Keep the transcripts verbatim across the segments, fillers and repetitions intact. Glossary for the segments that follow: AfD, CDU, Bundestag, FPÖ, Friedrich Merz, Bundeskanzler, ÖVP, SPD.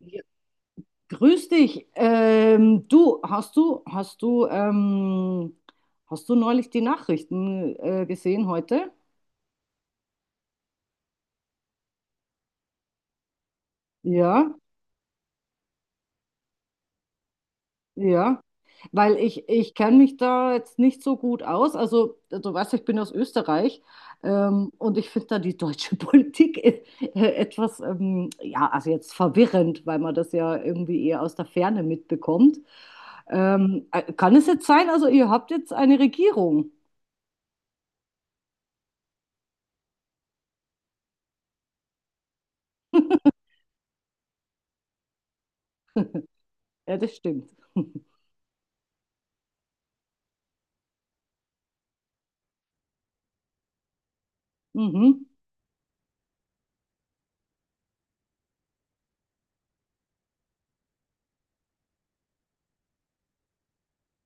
Ja, grüß dich. Ähm, du, hast du, hast du, ähm, hast du neulich die Nachrichten äh, gesehen heute? Ja, ja. Weil ich, ich kenne mich da jetzt nicht so gut aus. Also, du weißt, ich bin aus Österreich, ähm, und ich finde da die deutsche Politik äh, etwas, ähm, ja, also jetzt verwirrend, weil man das ja irgendwie eher aus der Ferne mitbekommt. Ähm, äh, kann es jetzt sein, also ihr habt jetzt eine Regierung? Ja, das stimmt. Mhm.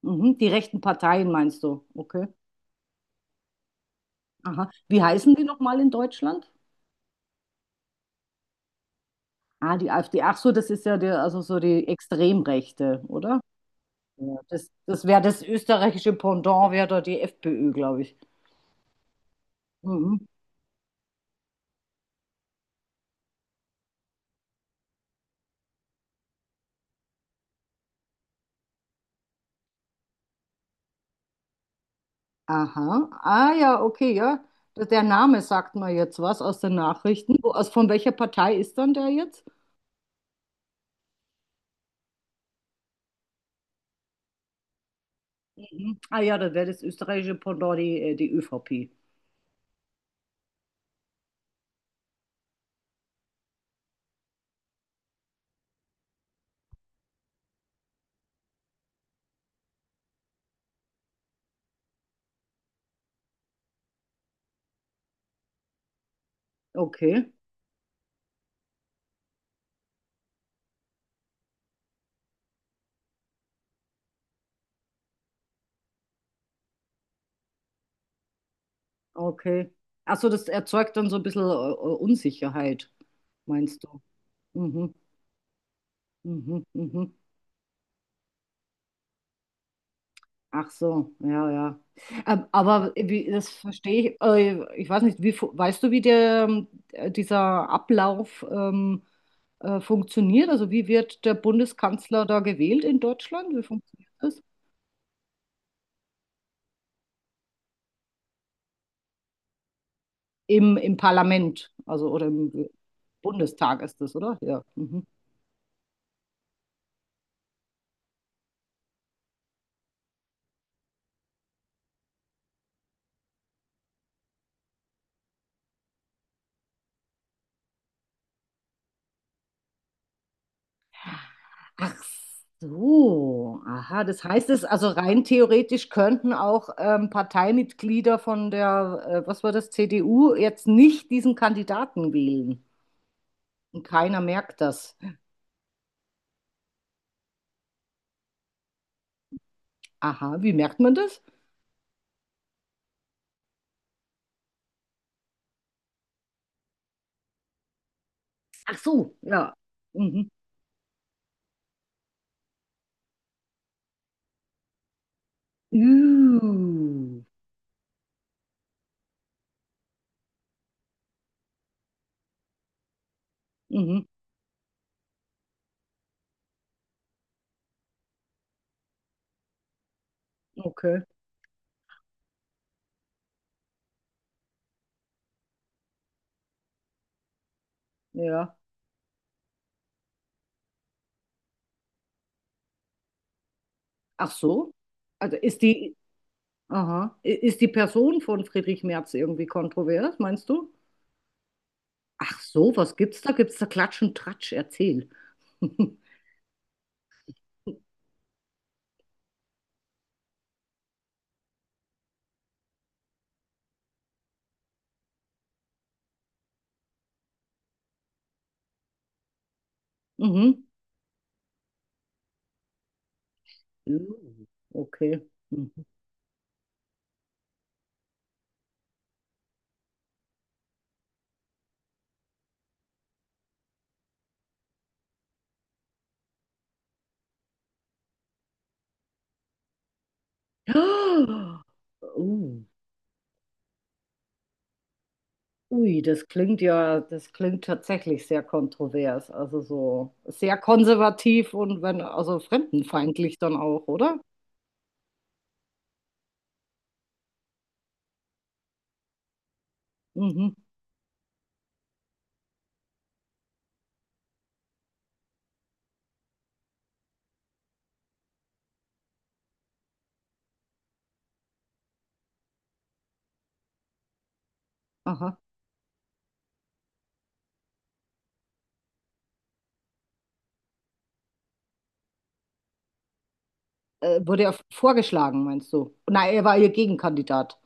Mhm. Die rechten Parteien meinst du? Okay. Aha. Wie heißen die nochmal in Deutschland? Ah, die AfD. Ach so, das ist ja der, also so die Extremrechte, oder? Ja. Das, das wäre das österreichische Pendant, wäre da die FPÖ, glaube ich. Mhm. Aha. Ah ja, okay, ja. Der der Name sagt mir jetzt was aus den Nachrichten. Wo, aus, von welcher Partei ist dann der jetzt? Mhm. Ah ja, dann wäre das österreichische Pendant die, äh, die ÖVP. Okay. Okay. Also das erzeugt dann so ein bisschen äh, äh, Unsicherheit, meinst du? Mhm, mhm, mhm. Ach so, ja, ja. Ähm, aber wie, das verstehe ich, äh, ich weiß nicht, wie, fu- weißt du, wie der, ähm, dieser Ablauf ähm, äh, funktioniert? Also wie wird der Bundeskanzler da gewählt in Deutschland? Wie funktioniert das? Im, im Parlament, also oder im Bundestag ist das, oder? Ja. Mhm. Ach so, aha. Das heißt es, also rein theoretisch könnten auch ähm, Parteimitglieder von der, äh, was war das, C D U jetzt nicht diesen Kandidaten wählen. Und keiner merkt das. Aha, wie merkt man das? Ach so, ja. Mhm. Uh, mhm. Okay, ja. Ach so. Also ist die, aha, I- ist die Person von Friedrich Merz irgendwie kontrovers, meinst du? Ach so, was gibt's da? Gibt's da Klatsch und Tratsch? Erzähl. Mhm. Uh, okay. Mhm. Ah, uh, ui, das klingt ja, das klingt tatsächlich sehr kontrovers, also so sehr konservativ und wenn, also fremdenfeindlich dann auch, oder? Mhm. Aha. Äh, wurde er vorgeschlagen, meinst du? Nein, er war ihr Gegenkandidat.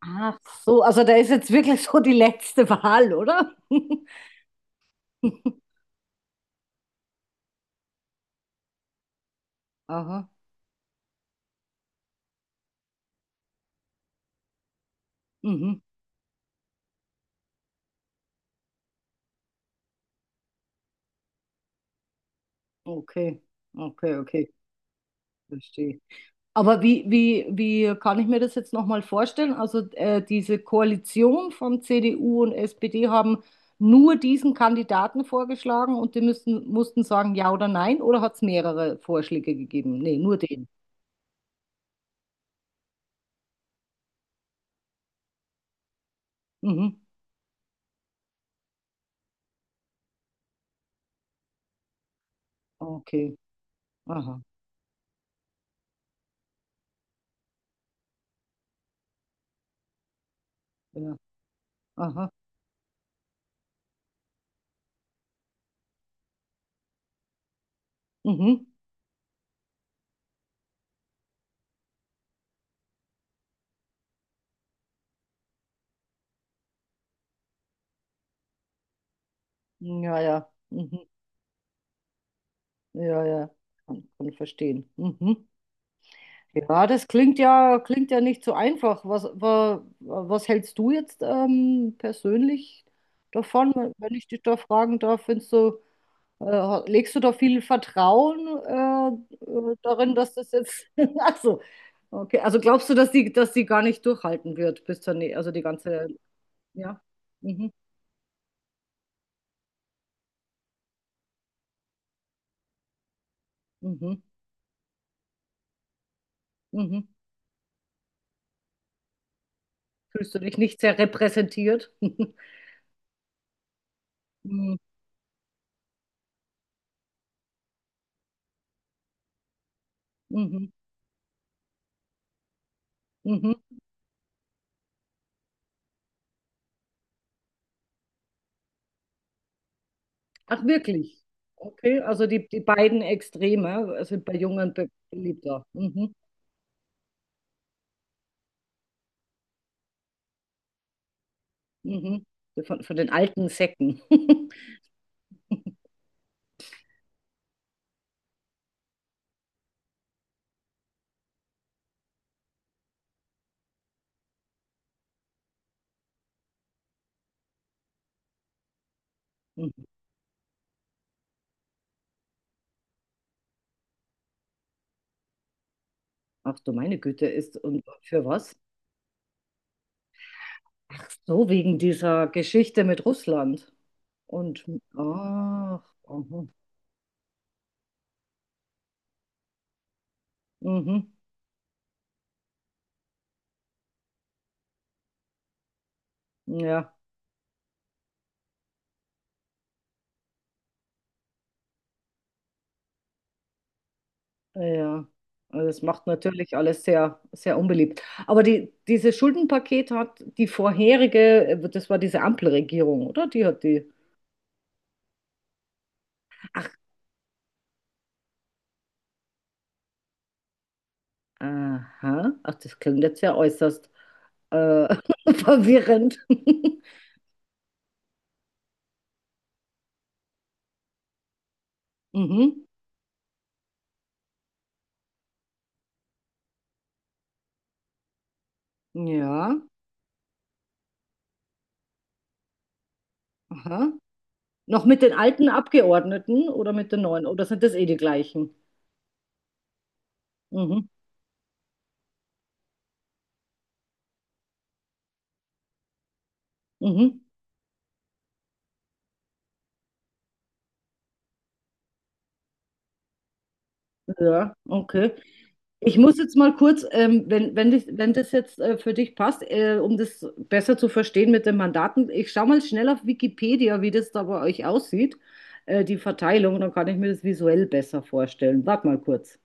Ach so, also da ist jetzt wirklich so die letzte Wahl, oder? Aha. Mhm. Okay. Okay, okay. Verstehe. Aber wie, wie, wie kann ich mir das jetzt nochmal vorstellen? Also äh, diese Koalition von C D U und S P D haben nur diesen Kandidaten vorgeschlagen und die müssten, mussten sagen ja oder nein oder hat es mehrere Vorschläge gegeben? Nee, nur den. Mhm. Okay. Aha. Ja. Aha. Mhm. Ja, ja. Mhm. Ja, ja. Kann, kann ich verstehen. Mhm. Ja, das klingt ja, klingt ja nicht so einfach. Was, wa, was hältst du jetzt ähm, persönlich davon, wenn wenn ich dich da fragen darf? Findest du, äh, legst du da viel Vertrauen äh, äh, darin, dass das jetzt. Also, okay. Also glaubst du, dass die, dass die gar nicht durchhalten wird, bis zur, nä- also die ganze. Ja. Mhm, mhm, mhm. Fühlst du dich nicht sehr repräsentiert? Mhm, mhm, mhm. Ach, wirklich? Okay, also die, die beiden Extreme sind bei Jungen be beliebter. Mhm, mhm. Von, von den alten Säcken. Mhm. Ach du meine Güte, ist und für was? Ach so, wegen dieser Geschichte mit Russland. Und ach, mhm, mhm, ja, ja. Also das macht natürlich alles sehr, sehr unbeliebt. Aber die, dieses Schuldenpaket hat die vorherige, das war diese Ampelregierung, oder? Die hat die. Ach, aha. Ach, das klingt jetzt ja äußerst äh, verwirrend. Mhm. Ja. Aha. Noch mit den alten Abgeordneten oder mit den neuen? Oder sind das eh die gleichen? Mhm. Mhm. Ja, okay. Ich muss jetzt mal kurz, ähm, wenn, wenn, dich, wenn das jetzt äh, für dich passt, äh, um das besser zu verstehen mit den Mandaten, ich schaue mal schnell auf Wikipedia, wie das da bei euch aussieht, äh, die Verteilung, dann kann ich mir das visuell besser vorstellen. Warte mal kurz.